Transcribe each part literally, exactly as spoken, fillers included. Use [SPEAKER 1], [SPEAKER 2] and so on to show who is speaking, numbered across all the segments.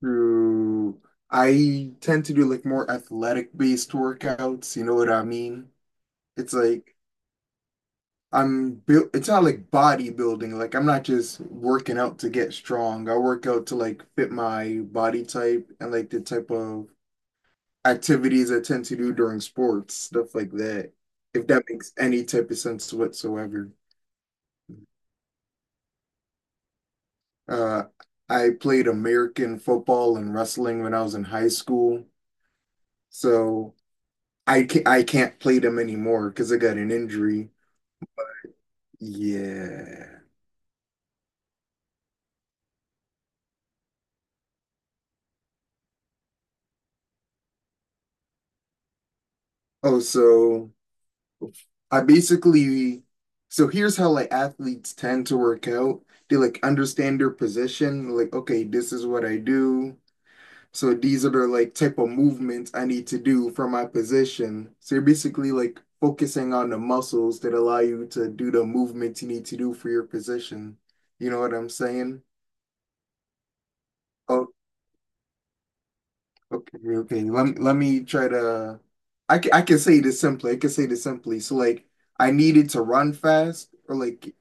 [SPEAKER 1] True. I tend to do like more athletic based workouts, you know what I mean? It's like I'm built, it's not like bodybuilding. Like I'm not just working out to get strong. I work out to like fit my body type and like the type of activities I tend to do during sports, stuff like that. If that makes any type of sense whatsoever. Uh, I played American football and wrestling when I was in high school. So I can't, I can't play them anymore because I got an injury. Yeah. Oh, so I basically, so here's how like athletes tend to work out. They like understand their position, like, okay, this is what I do. So these are the like type of movements I need to do for my position. So you're basically like focusing on the muscles that allow you to do the movements you need to do for your position. You know what I'm saying? Oh, okay, okay. Let me let me try to. I can, I can say this simply. I can say this simply. So like I needed to run fast or like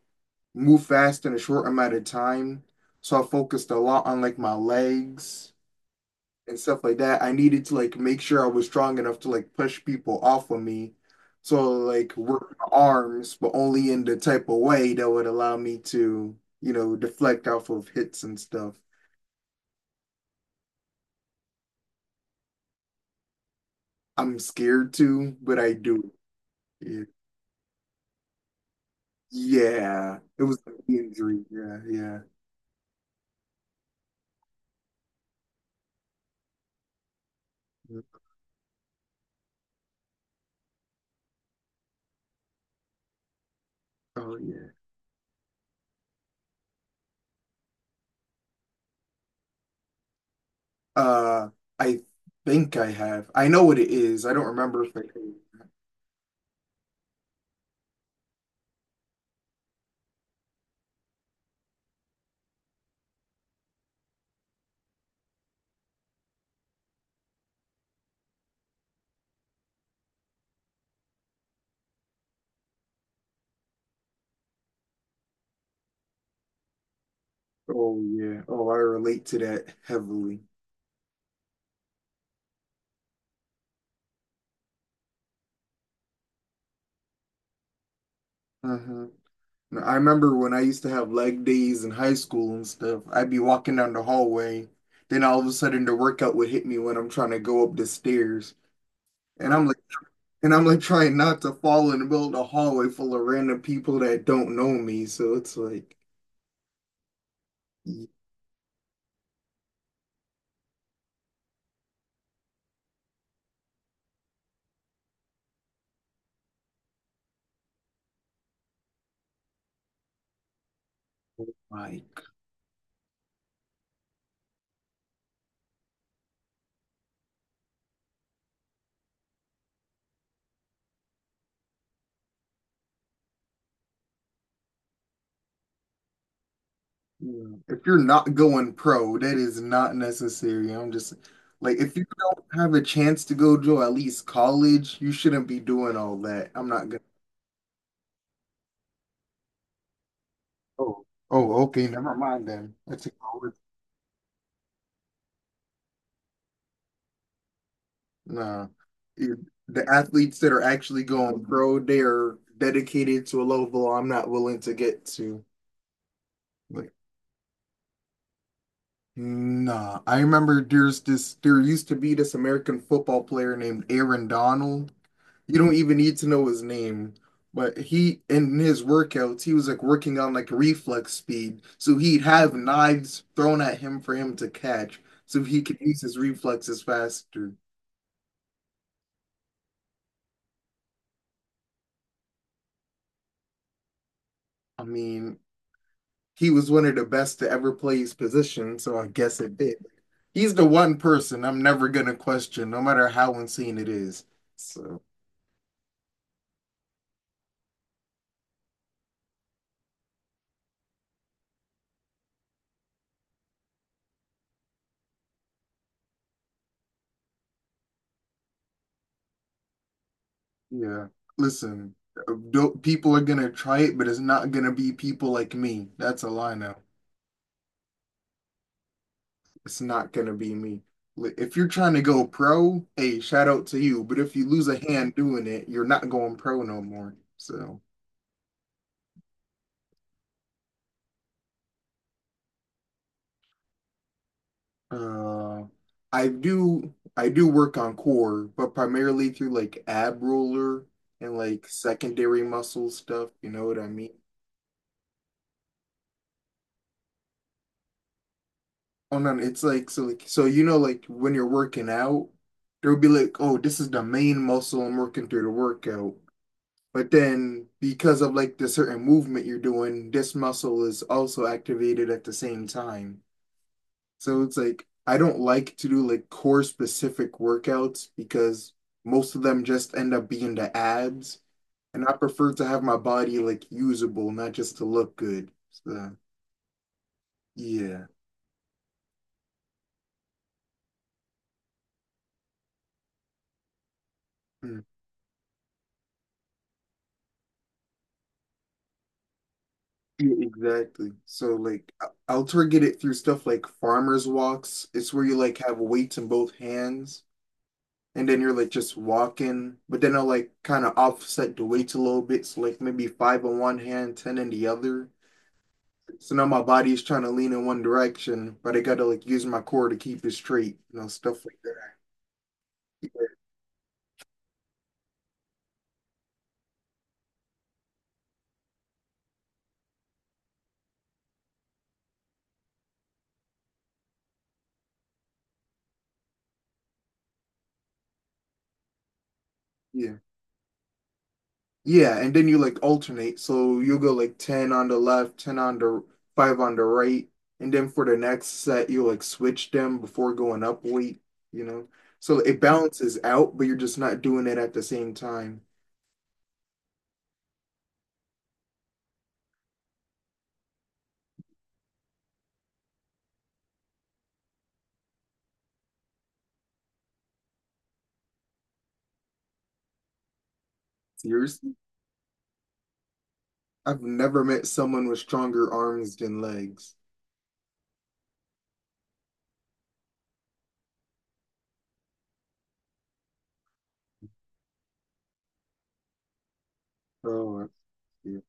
[SPEAKER 1] move fast in a short amount of time. So I focused a lot on like my legs and stuff like that. I needed to like make sure I was strong enough to like push people off of me. So like work my arms, but only in the type of way that would allow me to, you know, deflect off of hits and stuff. I'm scared to, but I do. It. Yeah, it was like the injury. Yeah, yeah. Yeah. Oh yeah. Uh, I think I have. I know what it is. I don't remember if I. Oh yeah. Oh, I relate to that heavily. Uh-huh. Now, I remember when I used to have leg days in high school and stuff. I'd be walking down the hallway, then all of a sudden the workout would hit me when I'm trying to go up the stairs, and I'm like, and I'm like trying not to fall in the middle of the hallway full of random people that don't know me. So it's like, my. Yeah. If you're not going pro, that is not necessary. I'm just like, if you don't have a chance to go to at least college, you shouldn't be doing all that. I'm not gonna. Oh, oh, okay, never mind then. That's a college. Nah. It- the athletes that are actually going pro, they are dedicated to a level I'm not willing to get to. Like, nah. I remember there's this. There used to be this American football player named Aaron Donald. You don't even need to know his name, but he in his workouts, he was like working on like reflex speed. So he'd have knives thrown at him for him to catch, so he could use his reflexes faster. I mean, he was one of the best to ever play his position, so I guess it did. He's the one person I'm never gonna question, no matter how insane it is. So yeah, listen, do people are gonna try it, but it's not gonna be people like me. That's all I know. It's not gonna be me. If you're trying to go pro, hey, shout out to you. But if you lose a hand doing it, you're not going pro no more. So, uh, I do I do work on core, but primarily through like ab roller and like secondary muscle stuff. You know what I mean? Oh no, it's like so like so you know like when you're working out, there'll be like, oh, this is the main muscle I'm working through the workout. But then, because of like the certain movement you're doing, this muscle is also activated at the same time. So it's like, I don't like to do like core specific workouts because most of them just end up being the abs. And I prefer to have my body like usable, not just to look good. So, yeah. Mm. Yeah, exactly. So like I- I'll target it through stuff like farmer's walks. It's where you like have weights in both hands and then you're like just walking, but then I'll like kind of offset the weights a little bit. So like maybe five on one hand, ten in the other. So now my body is trying to lean in one direction, but I gotta like use my core to keep it straight, you know, stuff like that. Yeah. Yeah, and then you like alternate. So you'll go like ten on the left, ten on the five on the right, and then for the next set you like switch them before going up weight, you know. So it balances out, but you're just not doing it at the same time. Yours? I've never met someone with stronger arms than legs. Oh, yeah.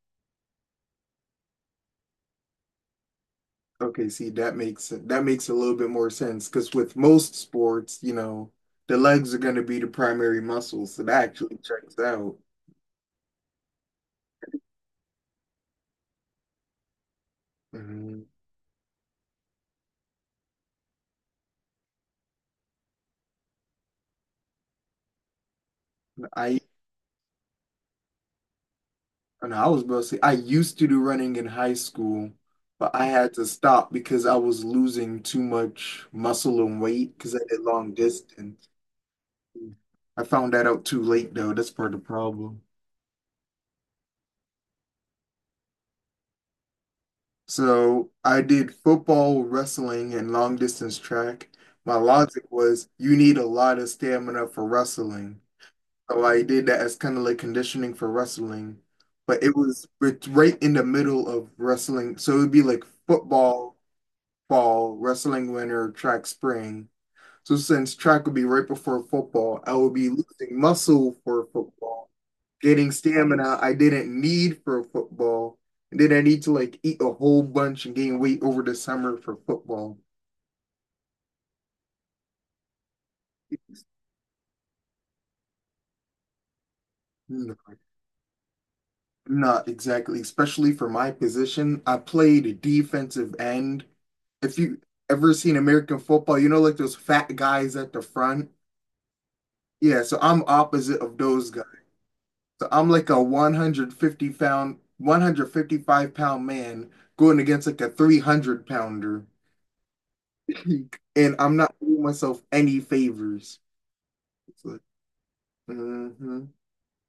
[SPEAKER 1] Okay, see, that makes that makes a little bit more sense because with most sports, you know, the legs are going to be the primary muscle, so that actually checks out. Mhm. I and I was about to say I used to do running in high school, but I had to stop because I was losing too much muscle and weight because I did long distance. I found that out too late though. That's part of the problem. So I did football, wrestling, and long distance track. My logic was you need a lot of stamina for wrestling. So I did that as kind of like conditioning for wrestling. But it was it's right in the middle of wrestling. So it would be like football, fall, wrestling winter, track spring. So since track would be right before football, I would be losing muscle for football getting stamina I didn't need for football. And then I need to like eat a whole bunch and gain weight over the summer for football. No, not exactly, especially for my position. I played defensive end. If you ever seen American football, you know, like those fat guys at the front. Yeah, so I'm opposite of those guys. So I'm like a one hundred fifty pound, one hundred fifty-five pound man going against like a three hundred pounder. And I'm not doing myself any favors. It's like, uh-huh.